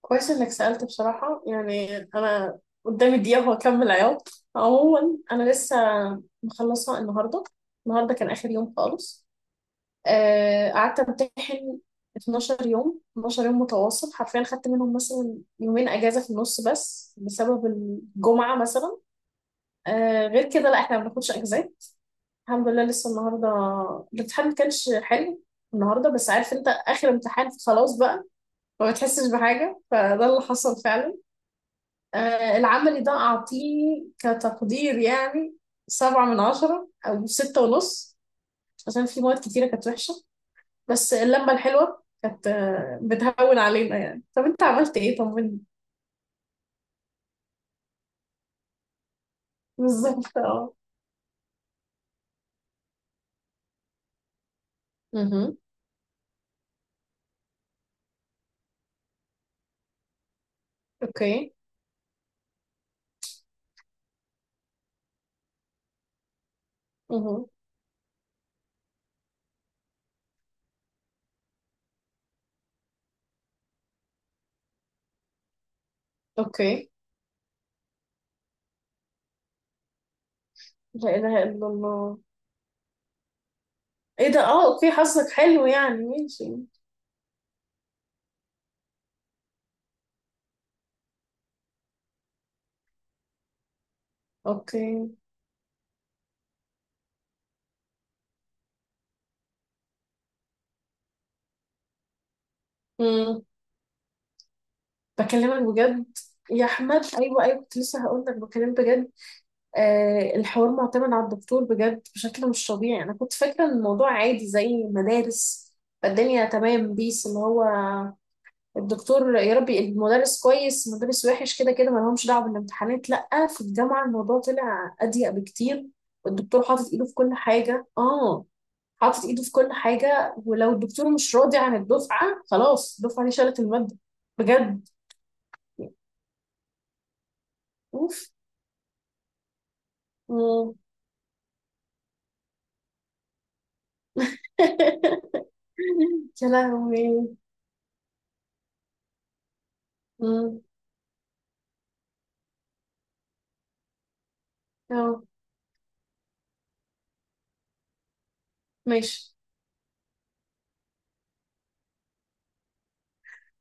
كويس انك سألت بصراحة، يعني انا قدامي دقيقة وهكمل عياط. عموما انا لسه مخلصة النهاردة. النهاردة كان اخر يوم خالص. قعدت امتحن 12 يوم، 12 يوم متواصل حرفيا. خدت منهم مثلا يومين اجازة في النص بس بسبب الجمعة مثلا. غير كده لا، احنا ما بناخدش اجازات. الحمد لله. لسه النهاردة الامتحان ما كانش حلو. النهارده بس، عارف انت؟ اخر امتحان، خلاص بقى ما بتحسش بحاجه، فده اللي حصل فعلا. العملي ده أعطيه كتقدير يعني سبعة من عشرة أو ستة ونص، عشان في مواد كتيرة كانت وحشة. بس اللمة الحلوة كانت، بتهون علينا يعني. طب أنت عملت إيه؟ طمني. بالظبط، أه. مهم. أوكي. مهم. أوكي. لا إله إلا الله. إيه ده؟ أه، أوكي. حظك حلو يعني، ماشي. أوكي. مم. بكلمك بجد يا أحمد. أيوه، أيوه، كنت لسه هقول لك، بكلمك بجد. الحوار معتمد على الدكتور بجد بشكل مش طبيعي. انا كنت فاكره ان الموضوع عادي زي مدارس الدنيا تمام، بيس اللي هو الدكتور. يا ربي، المدرس كويس المدرس وحش، كده كده ما لهمش دعوه بالامتحانات. لا، في الجامعه الموضوع طلع اضيق بكتير. والدكتور حاطط ايده في كل حاجه، اه. حاطط ايده في كل حاجه، ولو الدكتور مش راضي عن الدفعه خلاص، الدفعه دي شالت الماده بجد. اوف. مم. يا لهوي. مم. اه، ماشي.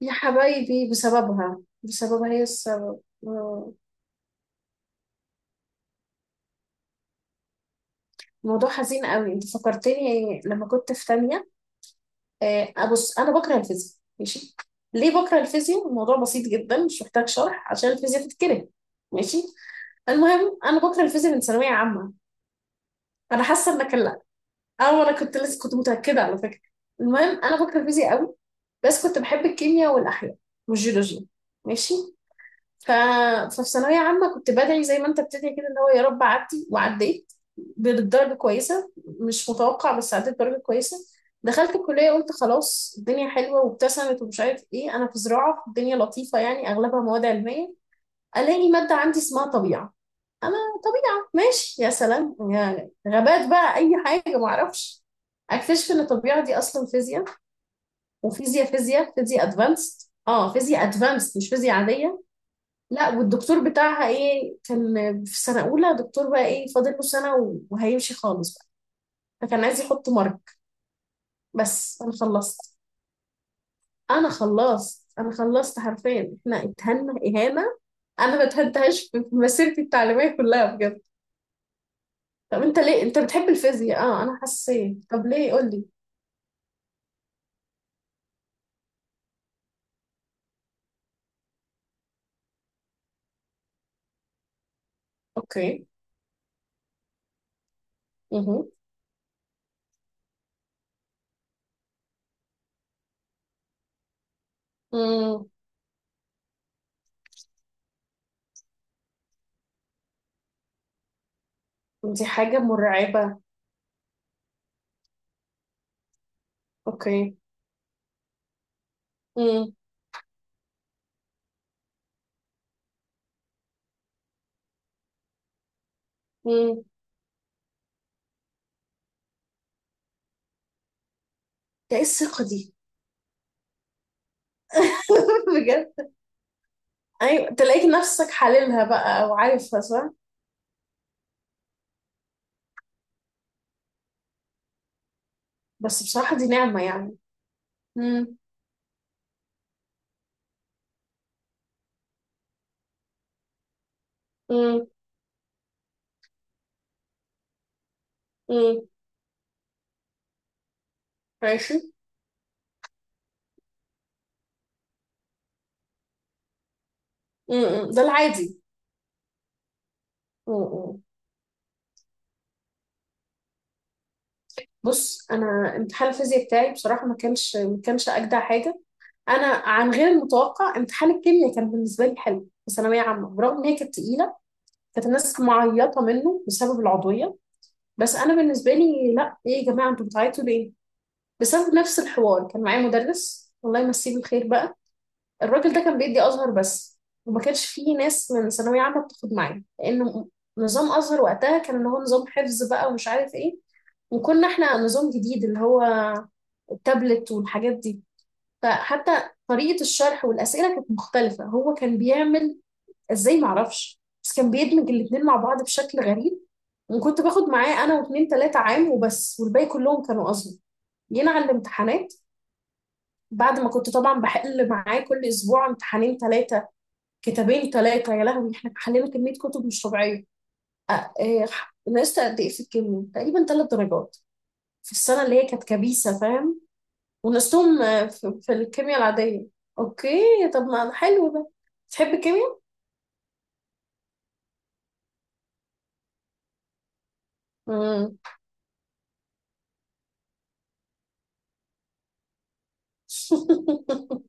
يا حبايبي، بسببها بسببها هي السبب. آه، موضوع حزين قوي. انت فكرتني لما كنت في تانية. ابص، انا بكره الفيزياء ماشي. ليه بكره الفيزياء؟ الموضوع بسيط جدا، مش محتاج شرح عشان الفيزياء تتكره، ماشي. المهم انا بكره الفيزياء من ثانوية عامة. انا حاسة انك لا، او انا كنت لسه كنت متأكدة على فكرة. المهم انا بكره الفيزياء قوي، بس كنت بحب الكيمياء والاحياء والجيولوجيا، ماشي. ف... ففي ثانوية عامة كنت بدعي زي ما انت بتدعي كده، اللي هو يا رب عدي. وعديت بدرجة كويسة مش متوقع، بس عديت بدرجة كويسة. دخلت الكلية قلت خلاص الدنيا حلوة، وابتسمت ومش عارف ايه. انا في زراعة الدنيا لطيفة يعني، اغلبها مواد علمية. الاقي مادة عندي اسمها طبيعة. انا، طبيعة ماشي يا سلام يعني، غابات بقى اي حاجة معرفش. اكتشف ان الطبيعة دي اصلا فيزياء. وفيزياء فيزياء فيزياء ادفانسد. اه، فيزياء ادفانسد مش فيزياء عادية. لا، والدكتور بتاعها ايه، كان في سنة أولى دكتور بقى ايه فاضل له سنة وهيمشي خالص بقى، فكان عايز يحط مرك. بس أنا خلصت. أنا خلصت حرفيا، احنا اتهنا إهانة. أنا ما اتهنتهاش في مسيرتي التعليمية كلها بجد. طب أنت ليه أنت بتحب الفيزياء؟ اه، أنا حسيت، طب ليه قول لي. أوكي. مه. مم. دي حاجة مرعبة. أوكي. مم. مم. ده ايه الثقة دي؟ بجد. ايوه، تلاقيك نفسك حللها بقى او عارفها صح. بس بصراحة دي نعمة يعني. امم. امم. امم. ماشي. امم، ده العادي. امم. بص، انا امتحان الفيزياء بتاعي بصراحة ما كانش اجدع حاجة. انا عن غير المتوقع امتحان الكيمياء كان بالنسبة لي حلو في ثانوية عامة، برغم ان هي كانت تقيلة. كانت الناس معيطة منه بسبب العضوية، بس انا بالنسبة لي لا. ايه يا جماعة، انتوا بتعيطوا ليه؟ بسبب نفس الحوار، كان معايا مدرس الله يمسيه بالخير بقى. الراجل ده كان بيدي ازهر بس، وما كانش فيه ناس من ثانويه عامه بتاخد معاه، لانه نظام ازهر وقتها كان اللي هو نظام حفظ بقى ومش عارف ايه. وكنا احنا نظام جديد، اللي هو التابلت والحاجات دي. فحتى طريقه الشرح والاسئله كانت مختلفه، هو كان بيعمل ازاي معرفش، بس كان بيدمج الاتنين مع بعض بشكل غريب. وكنت باخد معاه انا واتنين تلاته عام وبس، والباقي كلهم كانوا ازهر. جينا على الامتحانات، بعد ما كنت طبعا بحل معاه كل اسبوع امتحانين ثلاثه، كتابين ثلاثة. يا لهوي، احنا حلينا كمية كتب مش طبيعية. أ- آه، نقصت قد ايه في الكيمياء؟ تقريبا ثلاث درجات، في السنة اللي هي كانت كبيسة، فاهم؟ ونقصتهم في الكيمياء العادية. اوكي، طب ما حلو ده. تحب الكيمياء؟ مم.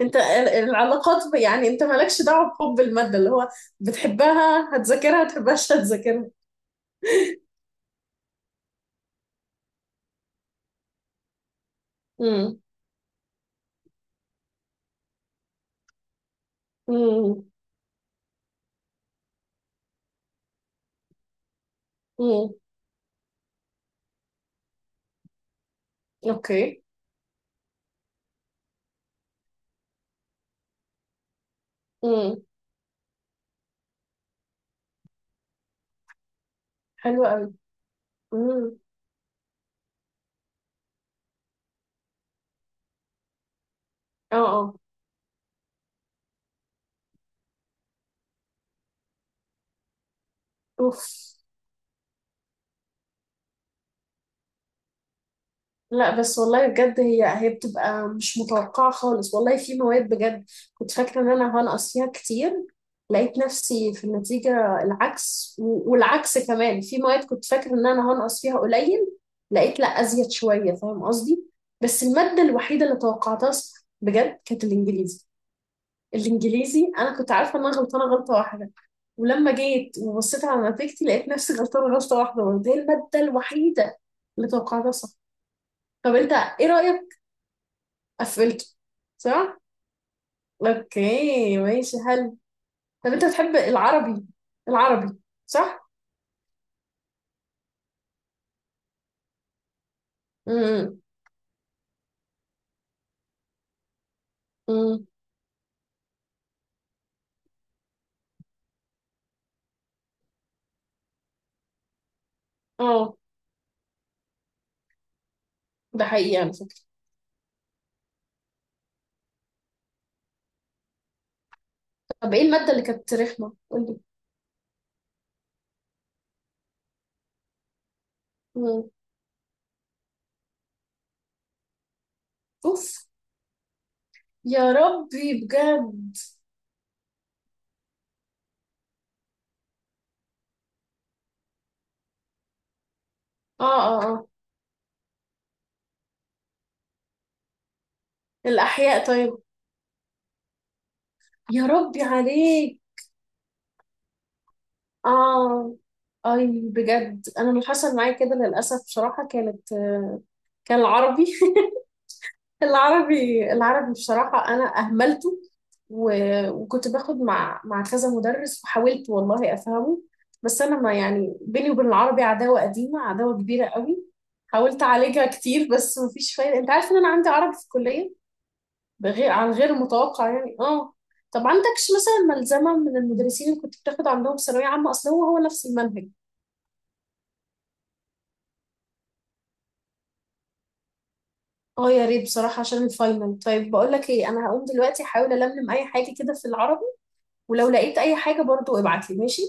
انت ال- العلاقات يعني انت مالكش دعوة بحب المادة، اللي هو بتحبها هتذاكرها، تحبهاش هتذاكرها. امم. امم. امم. اوكي. امم. حلو قوي. امم. اه. اه. اوف. لا بس والله بجد، هي هي بتبقى مش متوقعة خالص والله. في مواد بجد كنت فاكرة ان انا هنقص فيها كتير، لقيت نفسي في النتيجة العكس. والعكس كمان، في مواد كنت فاكرة ان انا هنقص فيها قليل لقيت لا، ازيد شوية، فاهم قصدي؟ بس المادة الوحيدة اللي توقعتها صح بجد كانت الانجليزي. الانجليزي انا كنت عارفة ان انا غلطانة غلطة واحدة، ولما جيت وبصيت على نتيجتي لقيت نفسي غلطانة غلطة واحدة برضه. هي المادة الوحيدة اللي توقعتها صح. طب انت ايه رأيك؟ قفلته، صح؟ اوكي، ماشي، حلو. طب انت بتحب العربي، العربي صح؟ امم. امم. اه، ده حقيقي على فكرة. طب ايه المادة اللي كانت رخمة؟ قولي. مم. اوف، يا ربي بجد. اه. اه. اه. الأحياء طيب. يا ربي عليك. اه، اي بجد. انا اللي حصل معايا كده للأسف بصراحة كانت، كان العربي. العربي، العربي بصراحة أنا أهملته. وكنت باخد مع كذا مدرس، وحاولت والله أفهمه. بس أنا ما، يعني بيني وبين العربي عداوة قديمة، عداوة كبيرة قوي. حاولت أعالجها كتير بس مفيش فايدة. أنت عارف إن أنا عندي عربي في الكلية؟ بغير، عن غير متوقع يعني، آه. طب عندكش مثلا ملزمة من المدرسين اللي كنت بتاخد عندهم ثانوية عامة؟ أصل هو هو نفس المنهج. آه يا ريت بصراحة، عشان الفاينل. طيب بقول لك إيه، أنا هقوم دلوقتي أحاول ألملم أي حاجة كده في العربي، ولو لقيت اي حاجة برضو ابعتلي ماشي.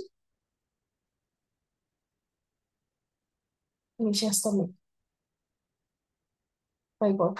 ماشي، هستناك. باي باي.